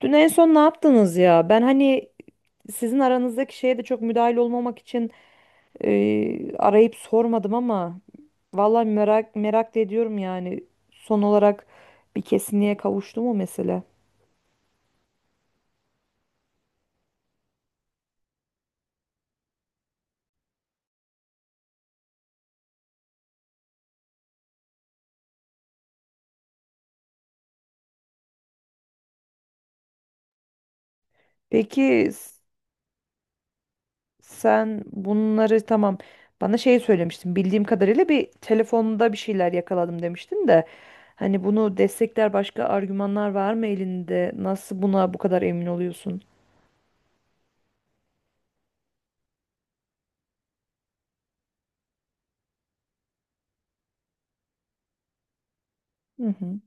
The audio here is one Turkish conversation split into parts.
Dün en son ne yaptınız ya? Ben hani sizin aranızdaki şeye de çok müdahil olmamak için arayıp sormadım ama vallahi merak merak da ediyorum yani. Son olarak bir kesinliğe kavuştu mu mesele? Peki sen bunları, tamam, bana şey söylemiştin, bildiğim kadarıyla bir telefonda bir şeyler yakaladım demiştin de hani bunu destekler başka argümanlar var mı elinde? Nasıl buna bu kadar emin oluyorsun? Hı hı.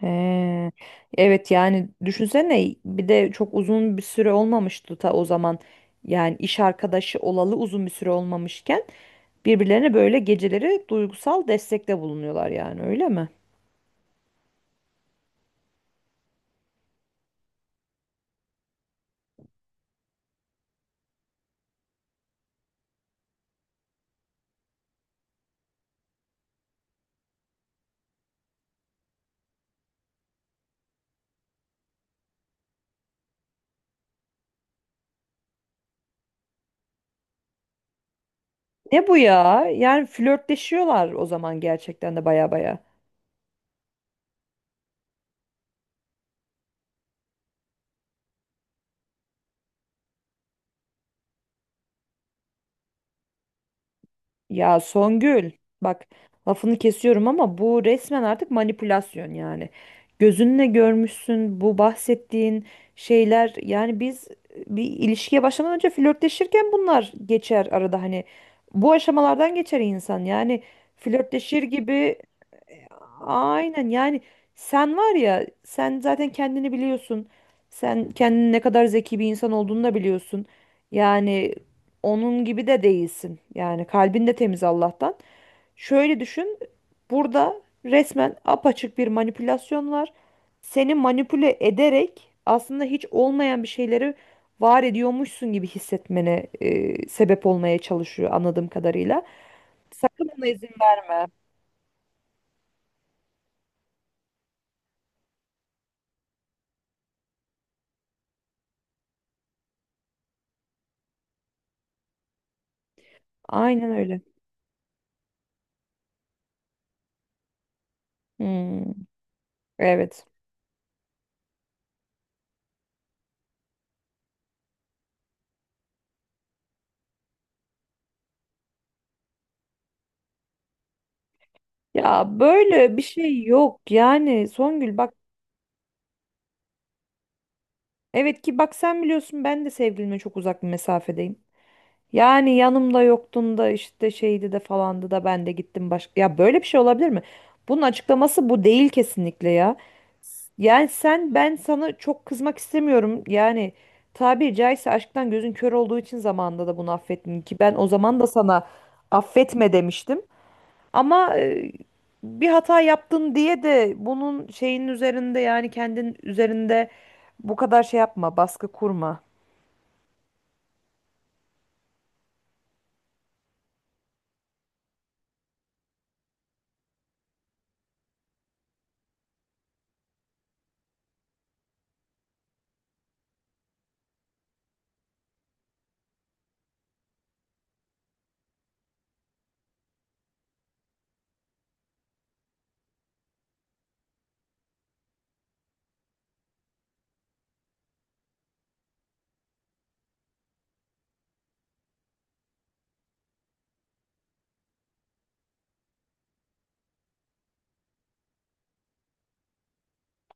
He. Evet yani düşünsene bir de çok uzun bir süre olmamıştı ta o zaman. Yani iş arkadaşı olalı uzun bir süre olmamışken birbirlerine böyle geceleri duygusal destekte bulunuyorlar yani, öyle mi? Ne bu ya? Yani flörtleşiyorlar o zaman, gerçekten de baya baya. Ya Songül, bak, lafını kesiyorum ama bu resmen artık manipülasyon yani. Gözünle görmüşsün bu bahsettiğin şeyler. Yani biz bir ilişkiye başlamadan önce flörtleşirken bunlar geçer arada, hani bu aşamalardan geçer insan, yani flörtleşir gibi. Aynen yani, sen var ya, sen zaten kendini biliyorsun. Sen kendini ne kadar zeki bir insan olduğunu da biliyorsun. Yani onun gibi de değilsin. Yani kalbin de temiz Allah'tan. Şöyle düşün. Burada resmen apaçık bir manipülasyon var. Seni manipüle ederek aslında hiç olmayan bir şeyleri var ediyormuşsun gibi hissetmene sebep olmaya çalışıyor anladığım kadarıyla. Sakın ona izin verme. Aynen öyle. Hmm. Evet. Ya böyle bir şey yok. Yani Songül bak, evet ki bak, sen biliyorsun ben de sevgilime çok uzak bir mesafedeyim. Yani yanımda yoktun da işte şeydi de falandı da ben de gittim başka. Ya böyle bir şey olabilir mi? Bunun açıklaması bu değil kesinlikle ya. Yani sen, ben sana çok kızmak istemiyorum. Yani tabiri caizse aşktan gözün kör olduğu için zamanında da bunu affettim ki ben o zaman da sana affetme demiştim. Ama bir hata yaptın diye de bunun şeyin üzerinde, yani kendin üzerinde bu kadar şey yapma, baskı kurma.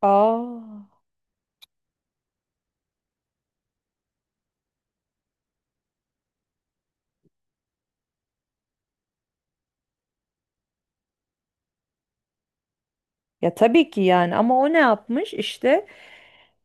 Aa. Ya tabii ki yani, ama o ne yapmış işte,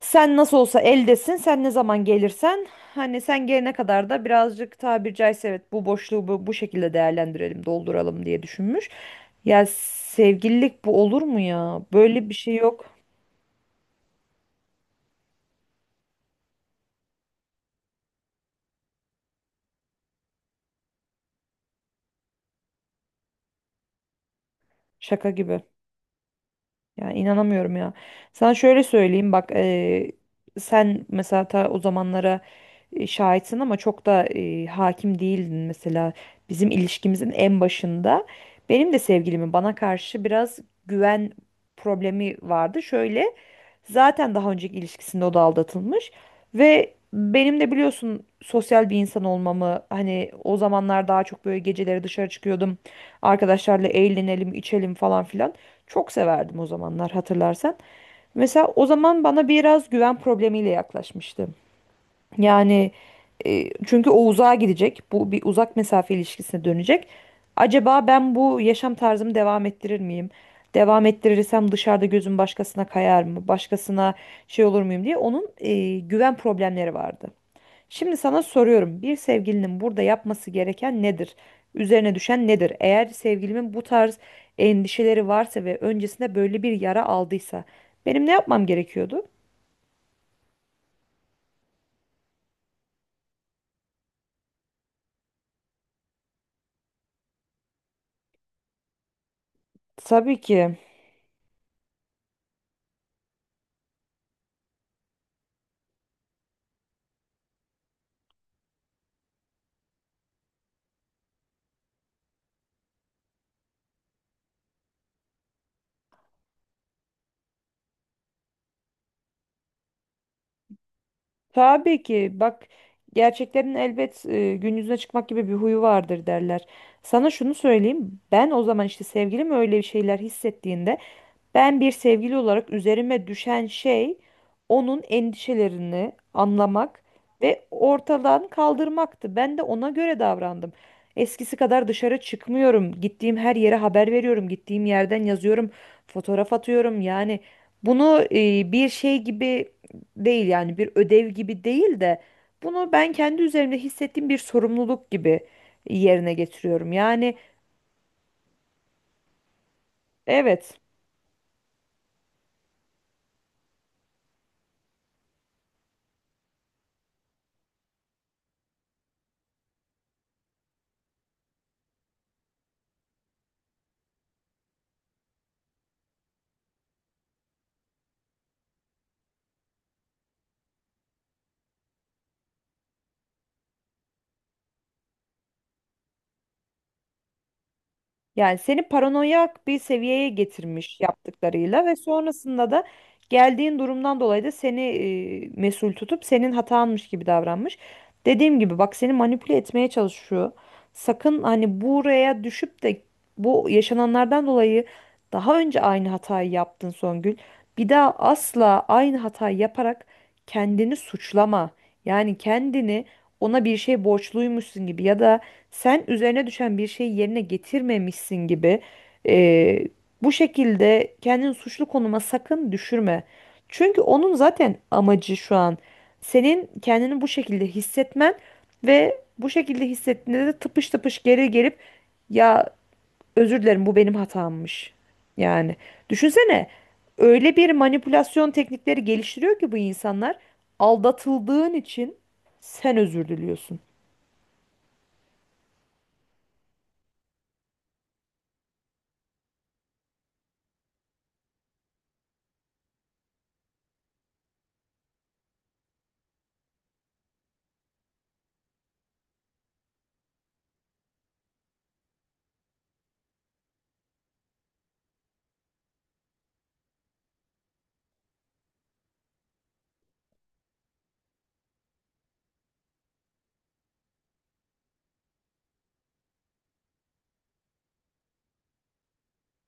sen nasıl olsa eldesin, sen ne zaman gelirsen, hani sen gelene kadar da birazcık tabiri caizse, evet, bu boşluğu bu, bu şekilde değerlendirelim, dolduralım diye düşünmüş. Ya sevgililik bu olur mu ya? Böyle bir şey yok. Şaka gibi. Ya inanamıyorum ya. Sana şöyle söyleyeyim bak, sen mesela ta o zamanlara şahitsin ama çok da hakim değildin mesela bizim ilişkimizin en başında. Benim de sevgilimin bana karşı biraz güven problemi vardı. Şöyle, zaten daha önceki ilişkisinde o da aldatılmış ve benim de biliyorsun sosyal bir insan olmamı, hani o zamanlar daha çok böyle geceleri dışarı çıkıyordum. Arkadaşlarla eğlenelim, içelim falan filan. Çok severdim o zamanlar hatırlarsan. Mesela o zaman bana biraz güven problemiyle yaklaşmıştı. Yani çünkü o uzağa gidecek. Bu bir uzak mesafe ilişkisine dönecek. Acaba ben bu yaşam tarzımı devam ettirir miyim? Devam ettirirsem dışarıda gözüm başkasına kayar mı? Başkasına şey olur muyum diye onun güven problemleri vardı. Şimdi sana soruyorum. Bir sevgilinin burada yapması gereken nedir? Üzerine düşen nedir? Eğer sevgilimin bu tarz endişeleri varsa ve öncesinde böyle bir yara aldıysa benim ne yapmam gerekiyordu? Tabii ki. Tabii ki bak, gerçeklerin elbet gün yüzüne çıkmak gibi bir huyu vardır derler. Sana şunu söyleyeyim, ben o zaman işte sevgilim öyle bir şeyler hissettiğinde ben bir sevgili olarak üzerime düşen şey onun endişelerini anlamak ve ortadan kaldırmaktı. Ben de ona göre davrandım. Eskisi kadar dışarı çıkmıyorum. Gittiğim her yere haber veriyorum. Gittiğim yerden yazıyorum. Fotoğraf atıyorum. Yani bunu bir şey gibi değil, yani bir ödev gibi değil de bunu ben kendi üzerimde hissettiğim bir sorumluluk gibi yerine getiriyorum. Yani evet. Yani seni paranoyak bir seviyeye getirmiş yaptıklarıyla ve sonrasında da geldiğin durumdan dolayı da seni mesul tutup senin hatanmış gibi davranmış. Dediğim gibi bak, seni manipüle etmeye çalışıyor. Sakın hani buraya düşüp de bu yaşananlardan dolayı, daha önce aynı hatayı yaptın Songül. Bir daha asla aynı hatayı yaparak kendini suçlama. Yani kendini ona bir şey borçluymuşsun gibi ya da sen üzerine düşen bir şeyi yerine getirmemişsin gibi, e, bu şekilde kendini suçlu konuma sakın düşürme. Çünkü onun zaten amacı şu an senin kendini bu şekilde hissetmen ve bu şekilde hissettiğinde de tıpış tıpış geri gelip ya özür dilerim bu benim hatammış. Yani düşünsene, öyle bir manipülasyon teknikleri geliştiriyor ki bu insanlar, aldatıldığın için sen özür diliyorsun.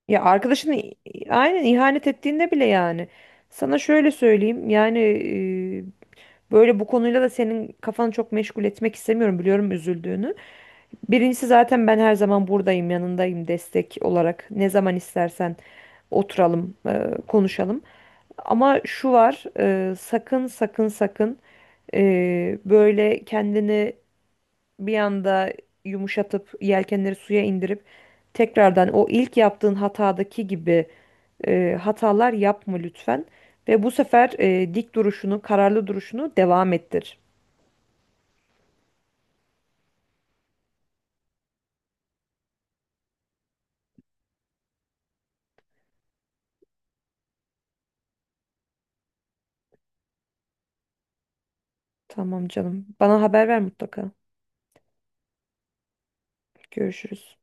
Ya arkadaşını aynen ihanet ettiğinde bile yani. Sana şöyle söyleyeyim yani, böyle bu konuyla da senin kafanı çok meşgul etmek istemiyorum, biliyorum üzüldüğünü. Birincisi zaten ben her zaman buradayım, yanındayım, destek olarak ne zaman istersen oturalım, konuşalım. Ama şu var, sakın sakın sakın, böyle kendini bir anda yumuşatıp yelkenleri suya indirip tekrardan o ilk yaptığın hatadaki gibi hatalar yapma lütfen. Ve bu sefer dik duruşunu, kararlı duruşunu devam ettir. Tamam canım. Bana haber ver mutlaka. Görüşürüz.